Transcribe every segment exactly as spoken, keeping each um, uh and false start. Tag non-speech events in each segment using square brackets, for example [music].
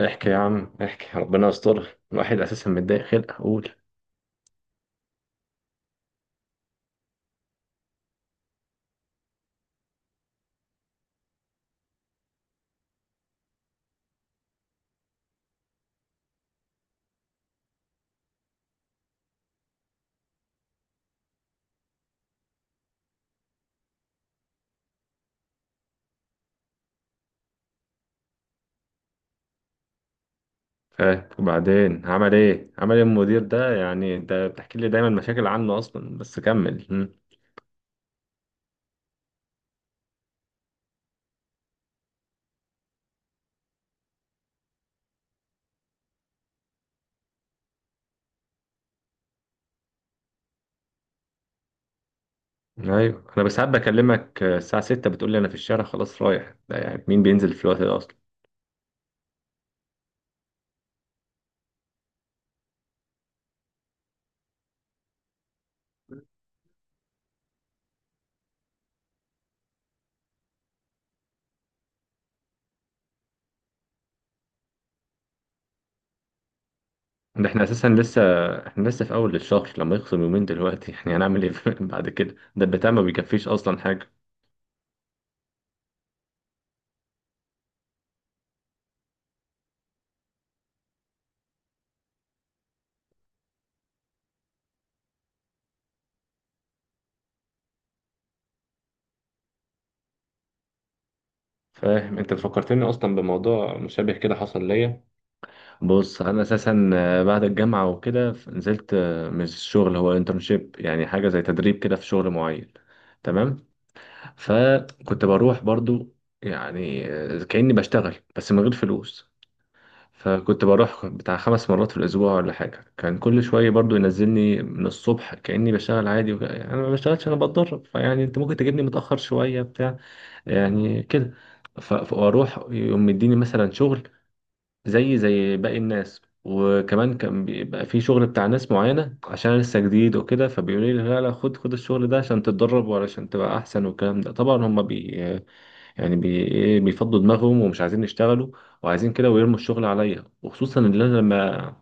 احكي يا عم احكي، ربنا يستر. الواحد اساسا متضايق خلق اقول. ف- وبعدين عمل ايه عمل ايه المدير ده؟ يعني ده بتحكي لي دايما مشاكل عنه اصلا، بس كمل. مم. ايوه انا بس حابب اكلمك، آه، الساعه ستة بتقول لي انا في الشارع خلاص رايح، ده يعني مين بينزل في الوقت ده اصلا؟ ده احنا اساسا لسه، احنا لسه في اول الشهر، لما يخصم يومين دلوقتي احنا يعني هنعمل ايه؟ [laughs] بعد كده ده البتاع ما بيكفيش اصلا حاجه. فاهم؟ انت فكرتني اصلا بموضوع مشابه كده حصل ليا. بص انا اساسا، آه، بعد الجامعه وكده ف- نزلت، آه، مش شغل، هو انترنشيب، يعني حاجه زي تدريب كده في شغل معين. تمام. فكنت بروح برضو يعني، آه، كاني بشتغل بس من غير فلوس. فكنت بروح بتاع خمس مرات في الاسبوع ولا حاجه، كان كل شويه برضو ينزلني من الصبح كاني بشتغل عادي، وك... يعني انا ما بشتغلش، انا بتدرب، فيعني انت ممكن تجيبني متاخر شويه بتاع، يعني كده. ف- فاروح يقوم مديني مثلا شغل زي زي باقي الناس، وكمان كان بيبقى في شغل بتاع ناس معينة عشان أنا لسه جديد وكده، فبيقولوا لي لا لا خد خد الشغل ده عشان تتدرب وعشان تبقى أحسن، والكلام ده طبعا هما بي يعني بي إيه بيفضوا دماغهم ومش عايزين يشتغلوا، وعايزين كده ويرموا الشغل عليا، وخصوصا إن أنا لما،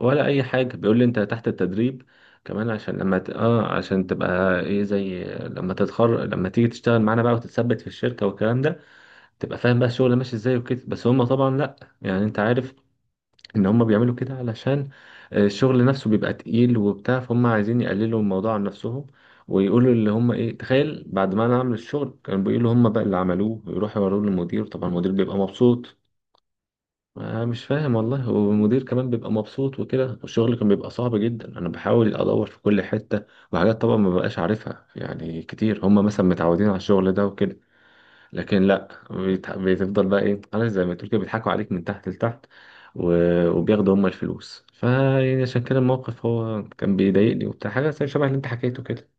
ولا أي حاجة. بيقول لي أنت تحت التدريب كمان عشان لما ت... اه عشان تبقى ايه زي لما تتخرج، لما تيجي تشتغل معانا بقى وتتثبت في الشركه والكلام ده، تبقى فاهم بقى الشغل ماشي ازاي وكده. بس هم طبعا لا، يعني انت عارف ان هم بيعملوا كده علشان، آه، الشغل نفسه بيبقى تقيل وبتاع، فهم عايزين يقللوا الموضوع عن نفسهم، ويقولوا اللي هم ايه، تخيل بعد ما انا اعمل الشغل كانوا بيقولوا هم بقى اللي عملوه، ويروحوا يوروه للمدير، طبعا المدير بيبقى مبسوط. أنا مش فاهم والله. والمدير كمان بيبقى مبسوط وكده. والشغل كان بيبقى صعب جدا، انا بحاول ادور في كل حتة، وحاجات طبعا ما بقاش عارفها، يعني كتير هم مثلا متعودين على الشغل ده وكده. لكن لا، بيتح- بتفضل بقى ايه عارف، زي ما تقول كده بيضحكوا عليك من تحت لتحت، و- وبياخدوا هم الفلوس، فيعني عشان كده الموقف هو كان بيضايقني وبتاع، حاجه زي شبه اللي انت حكيته كده.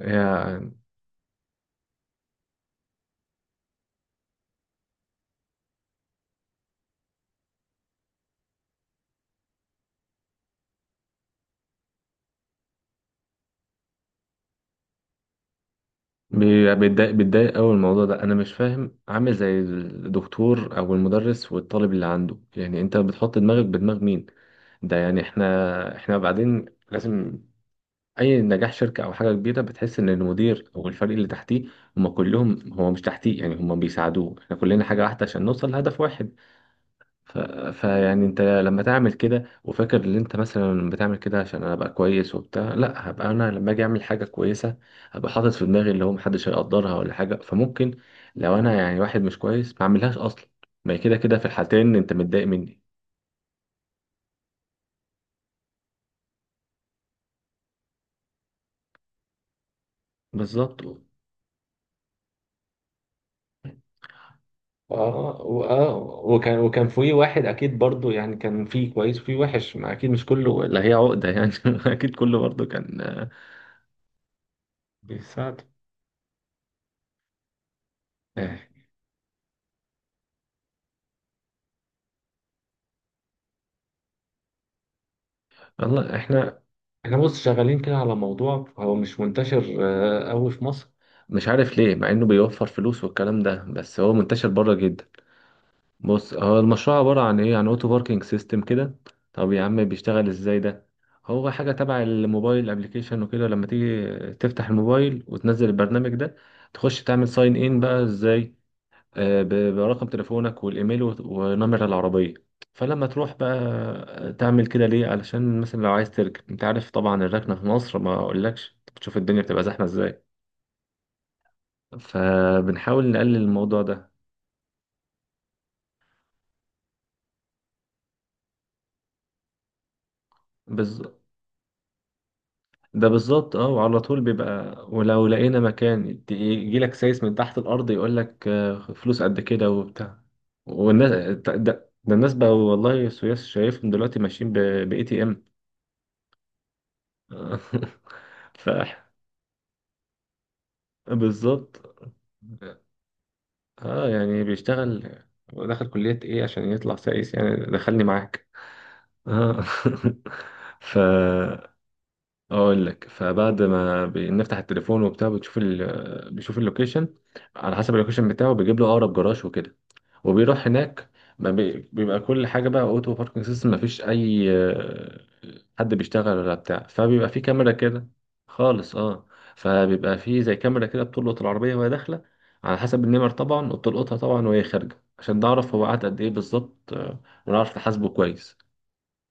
يعني بي- بيتضايق بيتضايق قوي الموضوع ده، انا مش فاهم، عامل زي الدكتور او المدرس والطالب اللي عنده، يعني انت بتحط دماغك بدماغ مين؟ ده يعني احنا احنا بعدين لازم اي نجاح شركه او حاجه كبيره بتحس ان المدير او الفريق اللي تحتيه هم كلهم، هو مش تحتيه، يعني هم بيساعدوه، احنا كلنا حاجه واحده عشان نوصل لهدف واحد. ف... فيعني انت لما تعمل كده وفاكر ان انت مثلا بتعمل كده عشان انا ابقى كويس وبتاع، لا، هبقى انا لما اجي اعمل حاجه كويسه هبقى حاطط في دماغي اللي هو محدش هيقدرها ولا حاجه، فممكن لو انا يعني واحد مش كويس ما اعملهاش اصلا. ما هي كده كده في الحالتين انت متضايق مني. بالظبط. اه واه. وكان وكان في واحد اكيد برضو، يعني كان في كويس وفي وحش، ما اكيد مش كله اللي هي عقدة يعني [laughs] اكيد كله برضو كان، آه، بيساعد. آه. والله احنا، احنا بص شغالين كده على موضوع هو مش منتشر قوي في مصر، مش عارف ليه مع انه بيوفر فلوس والكلام ده، بس هو منتشر بره جدا. بص هو المشروع عبارة عن ايه؟ عن اوتو باركينج سيستم كده. طب يا عم بيشتغل ازاي ده؟ هو حاجة تبع الموبايل ابلكيشن وكده، لما تيجي تفتح الموبايل وتنزل البرنامج ده، تخش تعمل ساين ان بقى ازاي، آه، ب- برقم تليفونك والايميل وت- ونمر العربية. فلما تروح بقى، آه، تعمل كده ليه؟ علشان مثلا لو عايز تركب انت عارف طبعا الركنة في مصر ما اقولكش، بتشوف الدنيا بتبقى زحمة ازاي. فبنحاول نقلل الموضوع ده. ده بالظبط اه. وعلى طول بيبقى، ولو لقينا مكان يجي لك سايس من تحت الارض يقول لك، آه، فلوس قد كده وبتاع. والناس ده, ده ده الناس بقى والله، سويس شايفهم دلوقتي ماشيين ب اي تي ام [laughs] ف بالظبط. اه يعني بيشتغل ودخل كلية ايه عشان يطلع سايس، يعني دخلني معاك. اه [laughs] ف اقول لك، فبعد ما بنفتح التليفون وبتاع، بتشوف ال... بيشوف اللوكيشن، على حسب اللوكيشن بتاعه بيجيب له اقرب جراج وكده، وبيروح هناك. ما بي... بيبقى كل حاجه بقى اوتو باركنج سيستم، ما فيش اي آه، حد بيشتغل ولا بتاع، فبيبقى في كاميرا كده. خالص اه. فبيبقى في زي كاميرا كده بتلقط العربيه وهي داخله على حسب النمر طبعا، وبتلقطها طبعا وهي خارجه عشان نعرف هو قعد قد ايه بالظبط، آه، ونعرف نحاسبه كويس.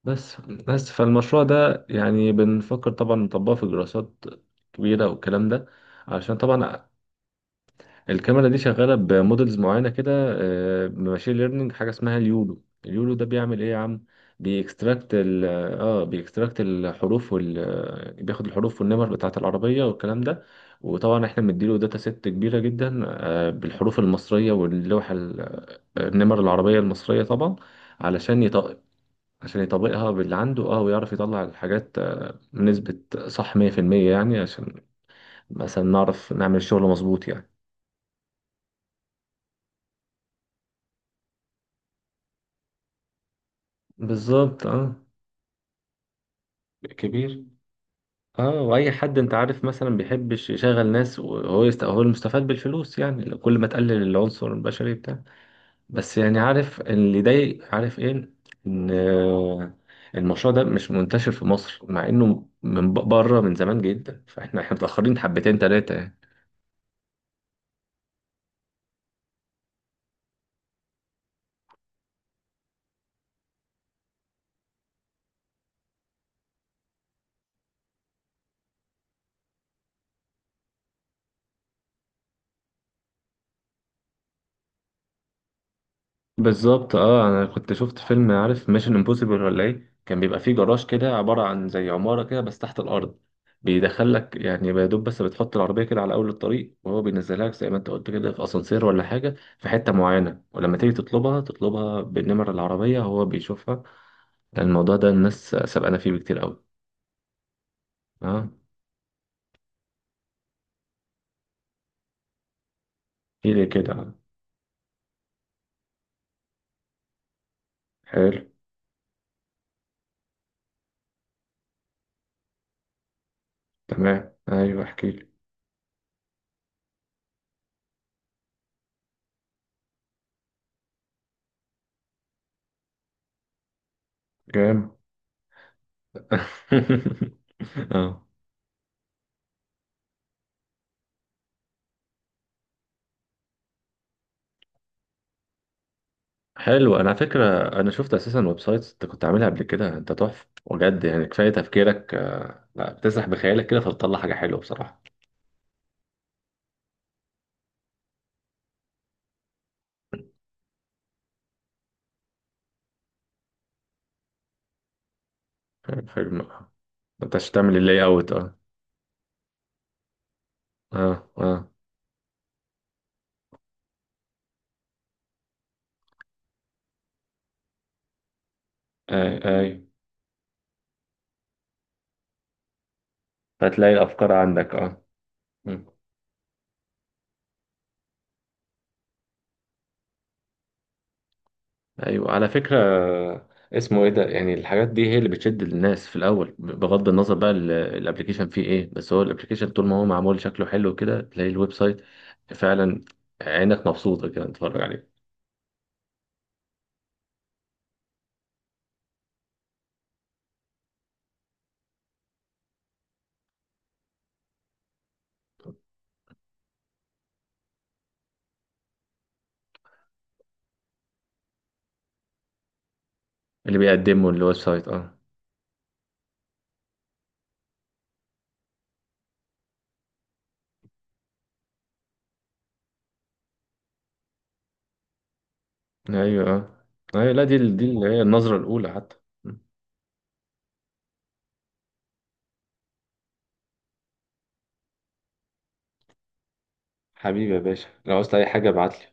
بس بس فالمشروع ده يعني بنفكر طبعا نطبقه في دراسات كبيرة والكلام ده، عشان طبعا الكاميرا دي شغالة بمودلز معينة كده، ماشين ليرنينج، حاجة اسمها اليولو. اليولو ده بيعمل ايه يا عم؟ بيكستراكت ال اه بيكستراكت الحروف وال آه، بياخد الحروف والنمر بتاعة العربية والكلام ده، وطبعا احنا مديله داتا ست كبيرة جدا، آه، بالحروف المصرية واللوحة ال- آه، النمر العربية المصرية طبعا، علشان يط- عشان يطبقها باللي عنده، اه ويعرف يطلع الحاجات، آه، نسبة صح مية في المية يعني، عشان مثلا نعرف نعمل الشغل مظبوط يعني. بالظبط اه. كبير. اه واي حد انت عارف مثلا بيحبش يشغل ناس وهو يست... هو المستفاد بالفلوس، يعني لو كل ما تقلل العنصر البشري بتاع. بس يعني عارف اللي يضايق عارف ايه، ان آه، المشروع ده مش منتشر في مصر مع انه من بره من زمان جدا، فاحنا احنا متأخرين حبتين تلاتة يعني. بالظبط اه. انا كنت شفت فيلم عارف ميشن امبوسيبل ولا ايه، كان بيبقى فيه جراج كده عباره عن زي عماره كده بس تحت الارض، بيدخل لك يعني يا دوب، بس بتحط العربيه كده على اول الطريق وهو بينزلها لك زي ما انت قلت كده في اسانسير ولا حاجه في حته معينه، ولما تيجي تطلبها تطلبها بالنمر العربيه هو بيشوفها. لأن الموضوع ده الناس سابقانا فيه بكتير قوي. اه. ايه ليه كده؟ حلو تمام، ايوه احكي لي. جامد [laughs] اه. حلو انا على فكره، انا شفت اساسا ويب سايتس انت كنت عاملها قبل كده، انت تحفه بجد. يعني كفايه تفكيرك، آه، لا بتسرح بخيالك كده فبتطلع حاجه حلوه بصراحه. حلو حلو. ما انتش تعمل اللاي اوت اه. اه اه. اي اي هتلاقي الافكار عندك اه. مم. ايوه على فكره، آه، اسمه ايه ده يعني؟ الحاجات دي هي اللي بتشد الناس في الاول، بغض النظر بقى ال- الابليكيشن فيه ايه، بس هو الابليكيشن طول ما هو معمول شكله حلو كده تلاقي الويب سايت فعلا عينك مبسوطه كده تتفرج عليه. اللي بيقدمه الويب سايت اه. ايوه اه ايوه لا، دي ال- دي اللي هي النظرة الأولى حتى. حبيبي يا باشا لو عاوزت أي حاجة ابعتلي